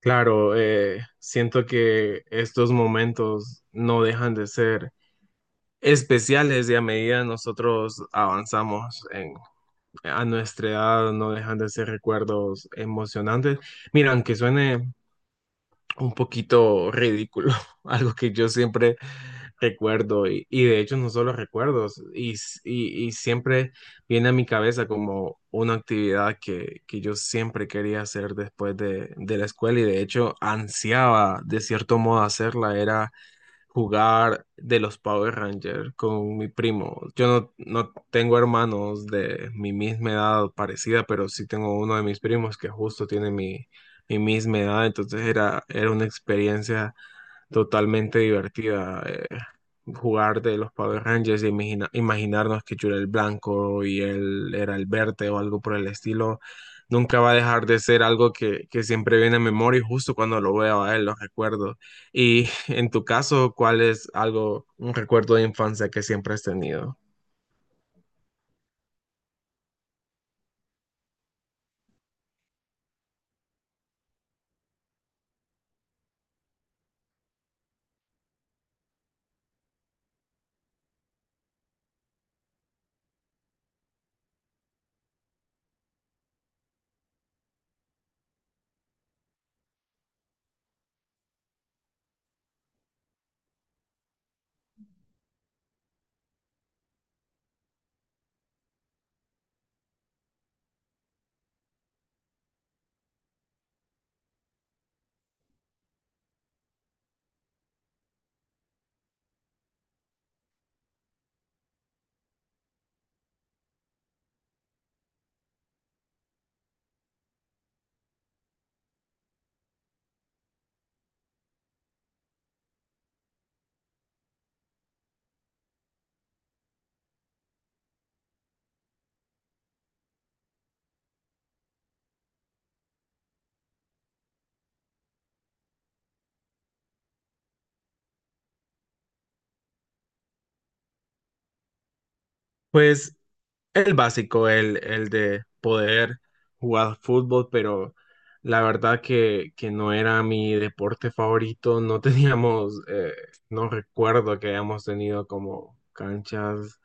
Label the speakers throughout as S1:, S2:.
S1: Claro, siento que estos momentos no dejan de ser especiales y a medida nosotros avanzamos a nuestra edad no dejan de ser recuerdos emocionantes. Mira, aunque suene un poquito ridículo, algo que yo siempre recuerdo y de hecho no solo recuerdos y siempre viene a mi cabeza como una actividad que yo siempre quería hacer después de la escuela y de hecho ansiaba de cierto modo hacerla, era jugar de los Power Rangers con mi primo. Yo no, No tengo hermanos de mi misma edad o parecida, pero sí tengo uno de mis primos que justo tiene mi misma edad, era una experiencia totalmente divertida. Jugar de los Power Rangers y imaginarnos que yo era el blanco y él era el verde o algo por el estilo, nunca va a dejar de ser algo que siempre viene a memoria y justo cuando lo veo a él lo recuerdo. Y en tu caso, ¿cuál es algo, un recuerdo de infancia que siempre has tenido? Pues el básico, el de poder jugar fútbol, pero la verdad que no era mi deporte favorito. No teníamos, no recuerdo que hayamos tenido como canchas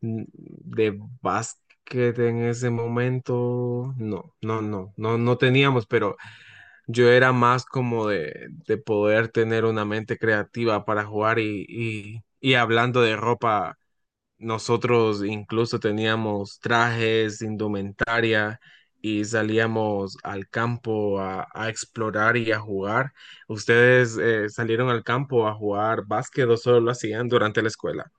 S1: de básquet en ese momento. No teníamos, pero yo era más como de poder tener una mente creativa para jugar y hablando de ropa nosotros incluso teníamos trajes, indumentaria y salíamos al campo a explorar y a jugar. ¿Ustedes salieron al campo a jugar básquet o solo lo hacían durante la escuela?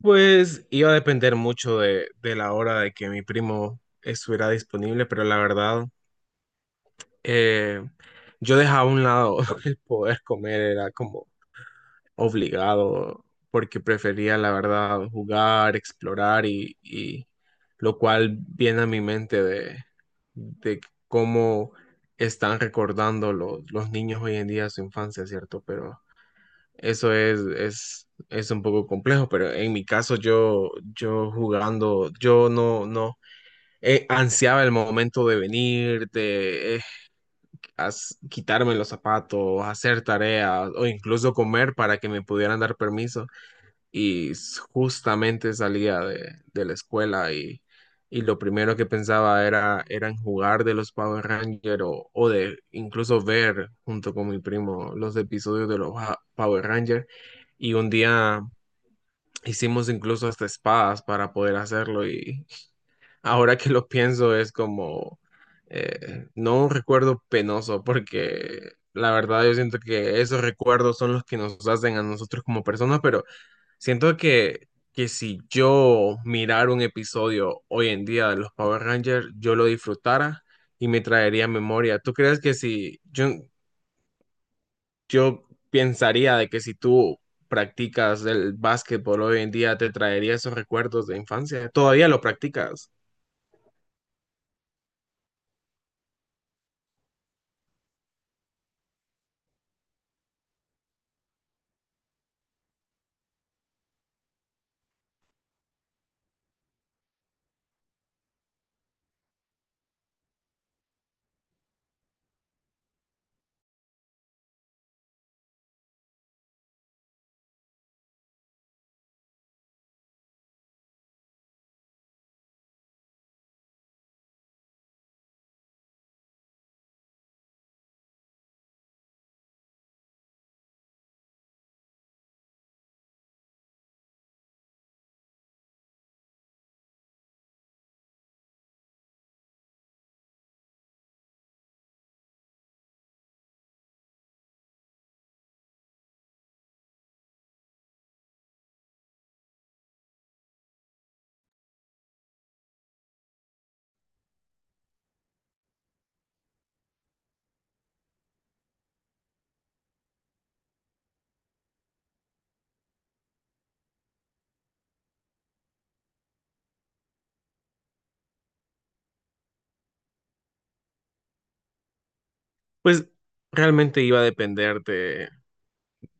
S1: Pues iba a depender mucho de la hora de que mi primo estuviera disponible, pero la verdad, eh, yo dejaba a un lado el poder comer, era como obligado, porque prefería, la verdad, jugar, explorar y lo cual viene a mi mente de cómo están recordando los niños hoy en día su infancia, ¿cierto? Pero es un poco complejo, pero en mi caso yo jugando, yo no, no, ansiaba el momento de venir, de quitarme los zapatos, hacer tareas o incluso comer para que me pudieran dar permiso justamente salía de la escuela y lo primero que pensaba era en jugar de los Power Rangers o de incluso ver junto con mi primo los episodios de los Power Rangers y un día hicimos incluso hasta espadas para poder hacerlo y ahora que lo pienso es como no un recuerdo penoso porque la verdad yo siento que esos recuerdos son los que nos hacen a nosotros como personas, pero siento que si yo mirara un episodio hoy en día de los Power Rangers, yo lo disfrutara y me traería memoria. ¿Tú crees que si yo pensaría de que si tú practicas el básquetbol hoy en día, te traería esos recuerdos de infancia? ¿Todavía lo practicas? Pues realmente iba a depender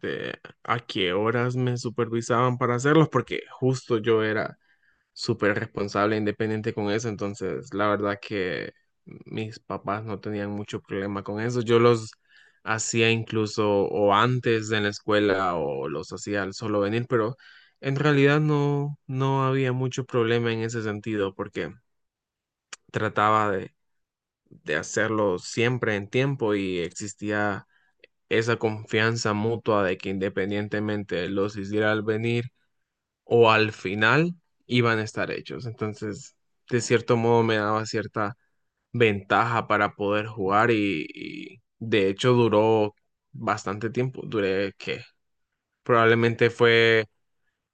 S1: de a qué horas me supervisaban para hacerlos, porque justo yo era súper responsable e independiente con eso, entonces la verdad que mis papás no tenían mucho problema con eso. Yo los hacía incluso o antes de la escuela o los hacía al solo venir, pero en realidad no había mucho problema en ese sentido porque trataba de hacerlo siempre en tiempo y existía esa confianza mutua de que independientemente los hiciera al venir o al final iban a estar hechos. Entonces, de cierto modo me daba cierta ventaja para poder jugar y de hecho duró bastante tiempo. Duré que probablemente fue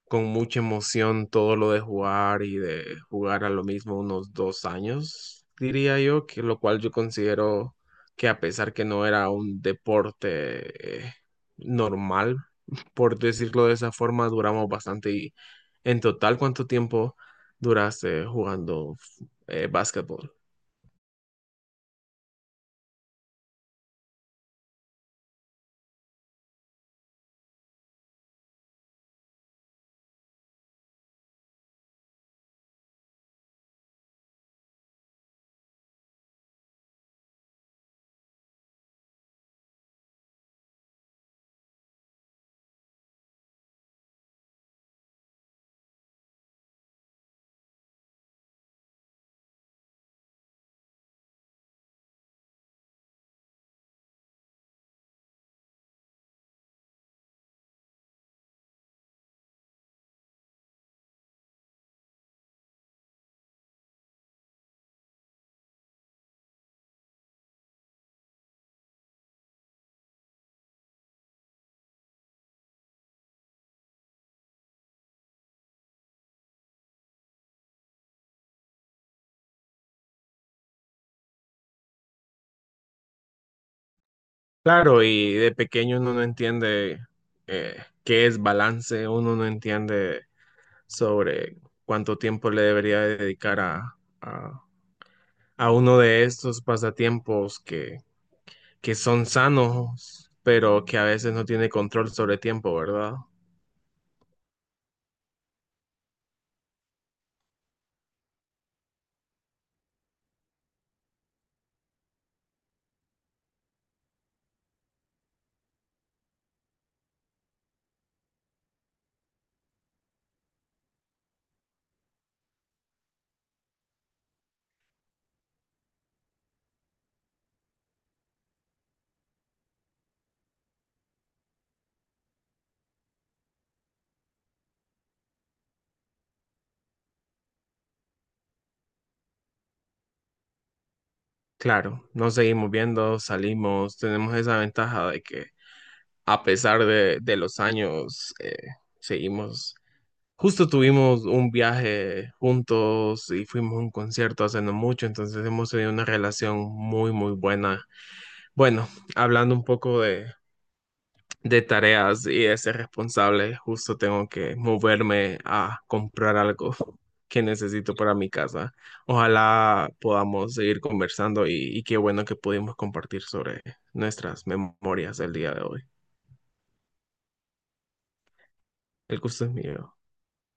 S1: con mucha emoción todo lo de jugar y de jugar a lo mismo unos 2 años, diría yo, que lo cual yo considero que a pesar que no era un deporte normal, por decirlo de esa forma, duramos bastante. ¿Y en total cuánto tiempo duraste jugando básquetbol? Claro, y de pequeño uno no entiende eh, qué es balance, uno no entiende sobre cuánto tiempo le debería dedicar a uno de estos pasatiempos que son sanos, pero que a veces no tiene control sobre tiempo, ¿verdad? Claro, nos seguimos viendo, salimos, tenemos esa ventaja de que a pesar de los años, seguimos. Justo tuvimos un viaje juntos y fuimos a un concierto hace no mucho, entonces hemos tenido una relación muy buena. Bueno, hablando un poco de tareas y de ser responsable, justo tengo que moverme a comprar algo que necesito para mi casa. Ojalá podamos seguir conversando y qué bueno que pudimos compartir sobre nuestras memorias el día de hoy. El gusto es mío.